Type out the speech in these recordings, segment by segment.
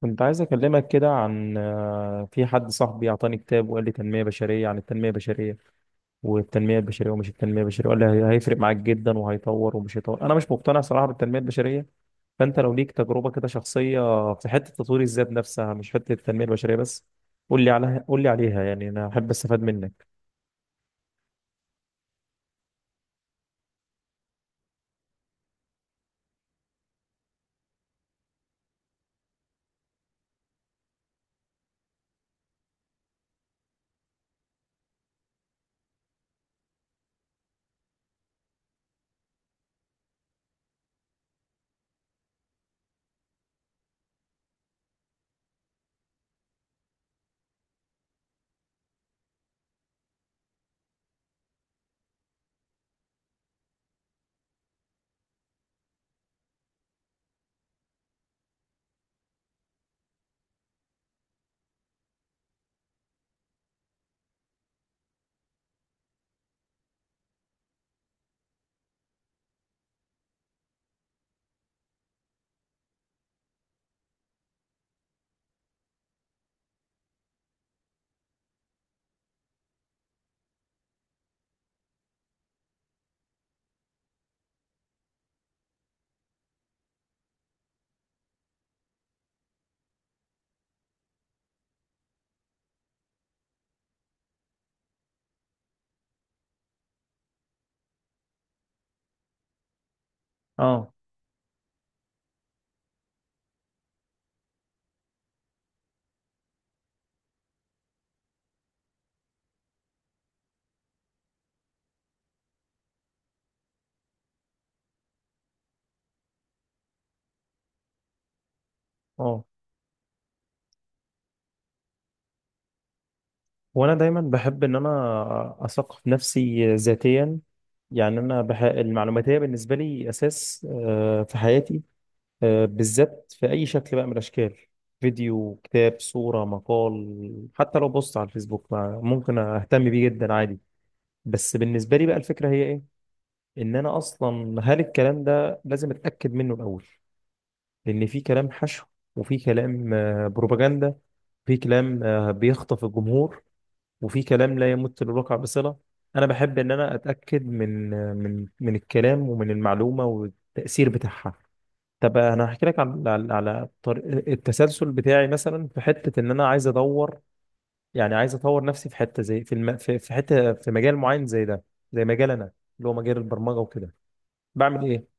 كنت عايز أكلمك كده عن في حد صاحبي أعطاني كتاب وقال لي تنمية بشرية عن التنمية البشرية والتنمية البشرية ومش التنمية البشرية، وقال لي هيفرق معاك جدا وهيطور ومش هيطور. أنا مش مقتنع صراحة بالتنمية البشرية، فأنت لو ليك تجربة كده شخصية في حتة تطوير الذات نفسها، مش حتة التنمية البشرية بس، قول لي عليها. يعني أنا أحب أستفاد منك. أه، أه. وأنا دايما بحب إن أنا أثقف نفسي ذاتيا. يعني انا المعلوماتيه بالنسبه لي اساس في حياتي، بالذات في أي شكل بقى من الأشكال: فيديو، كتاب، صورة، مقال، حتى لو بوست على الفيسبوك، ممكن أهتم بيه جدا عادي. بس بالنسبة لي بقى الفكرة هي إيه؟ إن أنا أصلا هل الكلام ده لازم أتأكد منه الأول؟ لأن في كلام حشو، وفي كلام بروباجندا، في كلام بيخطف الجمهور، وفي كلام لا يمت للواقع بصلة. أنا بحب إن أنا أتأكد من آه، من من الكلام ومن المعلومة والتأثير بتاعها. طب انا هحكي لك على طريق التسلسل بتاعي، مثلا في حته ان انا عايز ادور، يعني عايز اطور نفسي في حته زي في في حته في مجال معين زي ده، زي مجال انا اللي هو مجال البرمجه وكده. بعمل ايه؟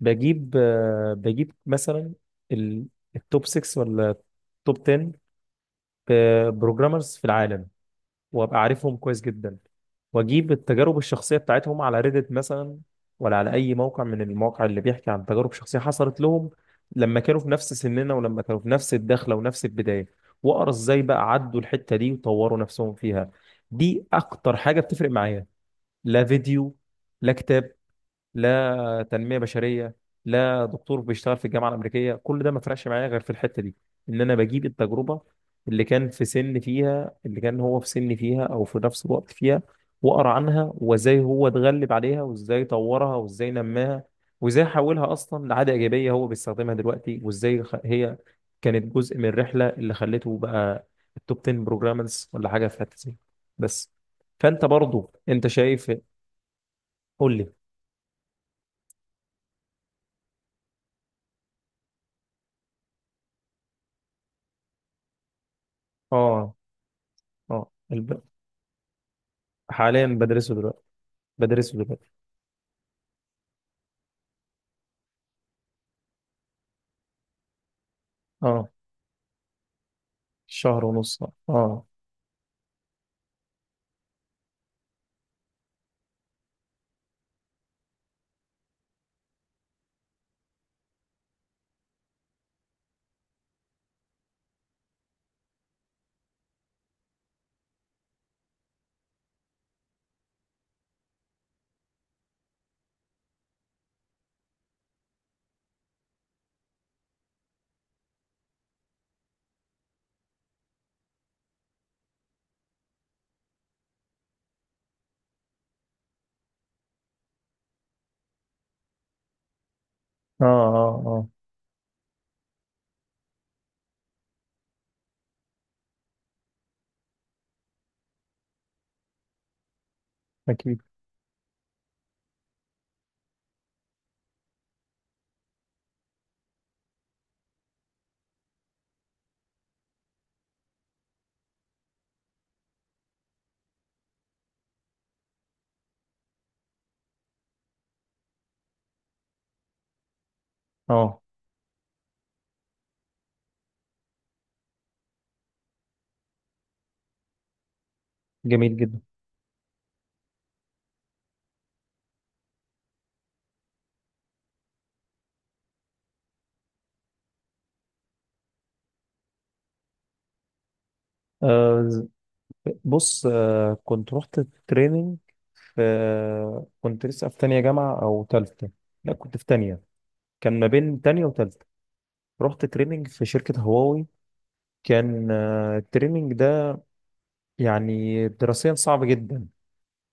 بجيب بجيب مثلا ال... التوب 6 ولا التوب 10 بروجرامرز في العالم، وابقى عارفهم كويس جدا، واجيب التجارب الشخصيه بتاعتهم على ريدت مثلا، ولا على اي موقع من المواقع اللي بيحكي عن تجارب شخصيه حصلت لهم لما كانوا في نفس سننا ولما كانوا في نفس الدخله ونفس البدايه، واقرا ازاي بقى عدوا الحته دي وطوروا نفسهم فيها. دي اكتر حاجه بتفرق معايا. لا فيديو، لا كتاب، لا تنميه بشريه، لا دكتور بيشتغل في الجامعه الامريكيه، كل ده ما فرقش معايا غير في الحته دي، ان انا بجيب التجربه اللي كان في سن فيها، اللي كان هو في سن فيها او في نفس الوقت فيها، واقرا عنها وازاي هو اتغلب عليها وازاي طورها وازاي نماها وازاي حولها اصلا لعاده ايجابيه هو بيستخدمها دلوقتي، وازاي هي كانت جزء من الرحله اللي خلته بقى التوب 10 بروجرامرز ولا حاجه في حته زي. بس فانت برضو انت شايف؟ قول لي. اه، اه. حاليا بدرسه دلوقتي، بدرسه دلوقتي. اه، شهر ونص، اه، اه، اه، اه. اكيد. اه، جميل جدا. آه ز- بص، كنت رحت تريننج في، كنت لسه في تانية جامعة او تالتة، لا كنت في تانية، كان ما بين تانية وتالتة. رحت تريننج في شركة هواوي. كان التريننج ده يعني دراسيا صعب جدا،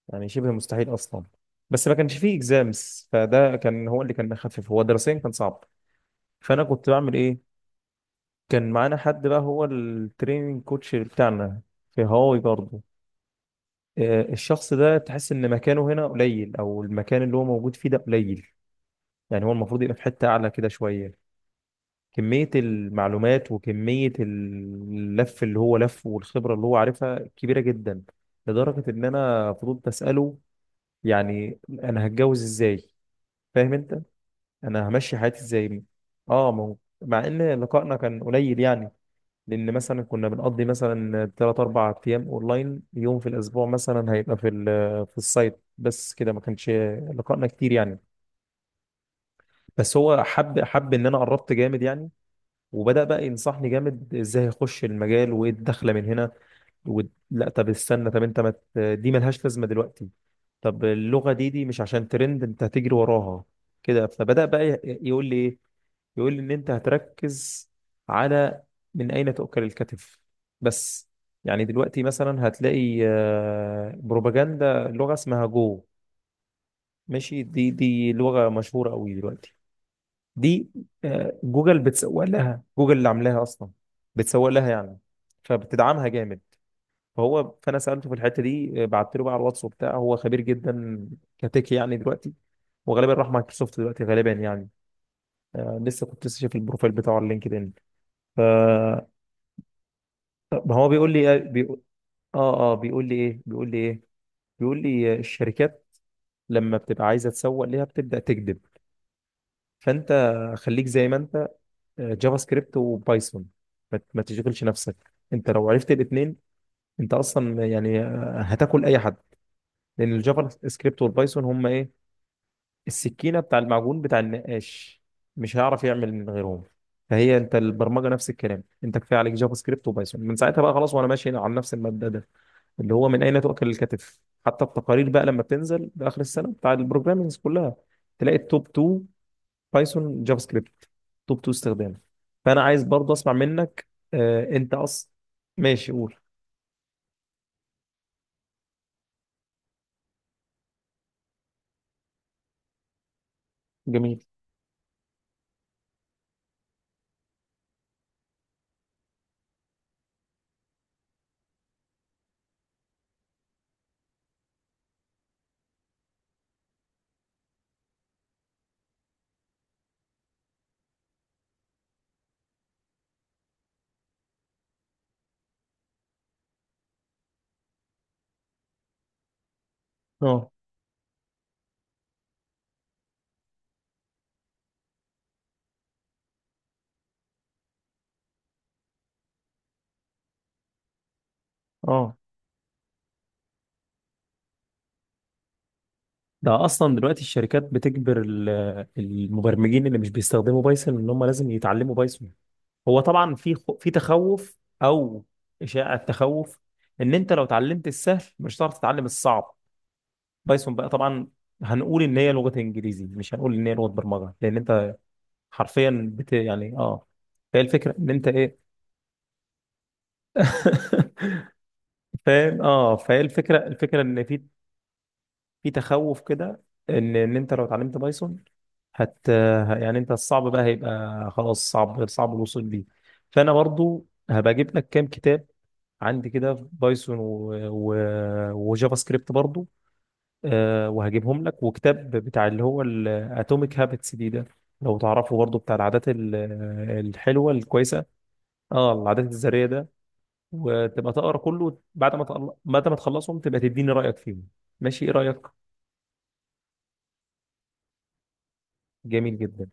يعني شبه مستحيل اصلا، بس ما كانش فيه اكزامس، فده كان هو اللي كان مخفف، هو دراسيا كان صعب. فانا كنت بعمل ايه؟ كان معانا حد بقى، هو التريننج كوتش بتاعنا في هواوي برضه. الشخص ده تحس ان مكانه هنا قليل، او المكان اللي هو موجود فيه ده قليل. يعني هو المفروض يبقى في حتة اعلى كده شوية. كمية المعلومات وكمية اللف اللي هو لفه والخبرة اللي هو عارفها كبيرة جدا، لدرجة ان انا فضلت اسأله يعني انا هتجوز ازاي، فاهم انت، انا همشي حياتي ازاي. اه، ما مع ان لقائنا كان قليل يعني، لان مثلا كنا بنقضي مثلا 3 4 ايام اونلاين، يوم في الاسبوع مثلا هيبقى في في السايت بس كده، ما كانش لقائنا كتير يعني. بس هو حب ان انا قربت جامد يعني، وبدأ بقى ينصحني جامد ازاي اخش المجال وايه الدخله من هنا، و... لا طب استنى، طب انت ما دي ملهاش لازمه دلوقتي، طب اللغه دي، دي مش عشان ترند انت هتجري وراها كده. فبدأ بقى يقول لي ايه؟ يقول لي ان انت هتركز على من اين تؤكل الكتف بس. يعني دلوقتي مثلا هتلاقي بروباجندا لغة اسمها جو، ماشي. دي، دي لغة مشهورة قوي دلوقتي، دي جوجل بتسوق لها، جوجل اللي عاملاها اصلا بتسوق لها يعني، فبتدعمها جامد. فانا سالته في الحته دي بعت له بقى على الواتس وبتاع، هو خبير جدا كتك يعني دلوقتي، وغالبا راح مايكروسوفت دلوقتي غالبا يعني، لسه كنت لسه شايف البروفايل بتاعه على لينكدين. طب هو بيقول لي، بيقول، اه، اه، بيقول لي ايه؟ بيقول لي الشركات لما بتبقى عايزه تسوق ليها بتبدا تكذب، فانت خليك زي ما انت. جافا سكريبت وبايثون، ما تشغلش نفسك، انت لو عرفت الاثنين انت اصلا يعني هتاكل اي حد، لان الجافا سكريبت والبايثون هم ايه؟ السكينه بتاع المعجون بتاع النقاش، مش هيعرف يعمل من غيرهم. فهي انت البرمجه نفس الكلام، انت كفايه عليك جافا سكريبت وبايثون، من ساعتها بقى خلاص. وانا ماشي على نفس المبدا ده، اللي هو من اين تؤكل الكتف. حتى التقارير بقى لما بتنزل باخر السنه بتاع البروجرامينج كلها، تلاقي التوب 2 بايثون جافا سكريبت، توب 2 استخدام. فانا عايز برضه اسمع منك. انت اصلا، ماشي قول. جميل. اه، اه، ده اصلا دلوقتي الشركات بتجبر المبرمجين اللي مش بيستخدموا بايثون ان هم لازم يتعلموا بايثون. هو طبعا في في تخوف او اشاعة تخوف ان انت لو اتعلمت السهل مش هتعرف تتعلم الصعب. بايثون بقى طبعا هنقول ان هي لغة انجليزي، مش هنقول ان هي لغة برمجة، لان انت حرفيا بت يعني اه. فهي الفكرة ان انت ايه؟ فاهم؟ اه. فهي الفكرة، الفكرة ان في، في تخوف كده ان انت لو اتعلمت بايثون حتى يعني، انت الصعب بقى هيبقى خلاص صعب، غير صعب الوصول ليه. فانا برضو هبقى اجيب لك كام كتاب عندي كده في بايثون وجافا سكريبت برضو. أه، وهجيبهم لك، وكتاب بتاع اللي هو الاتوميك هابتس دي ده، لو تعرفه برضو، بتاع العادات الحلوة الكويسة. اه، العادات الذرية ده، وتبقى تقرا كله بعد ما بعد ما تخلصهم تبقى تديني رأيك فيهم. ماشي؟ ايه رأيك؟ جميل جدا.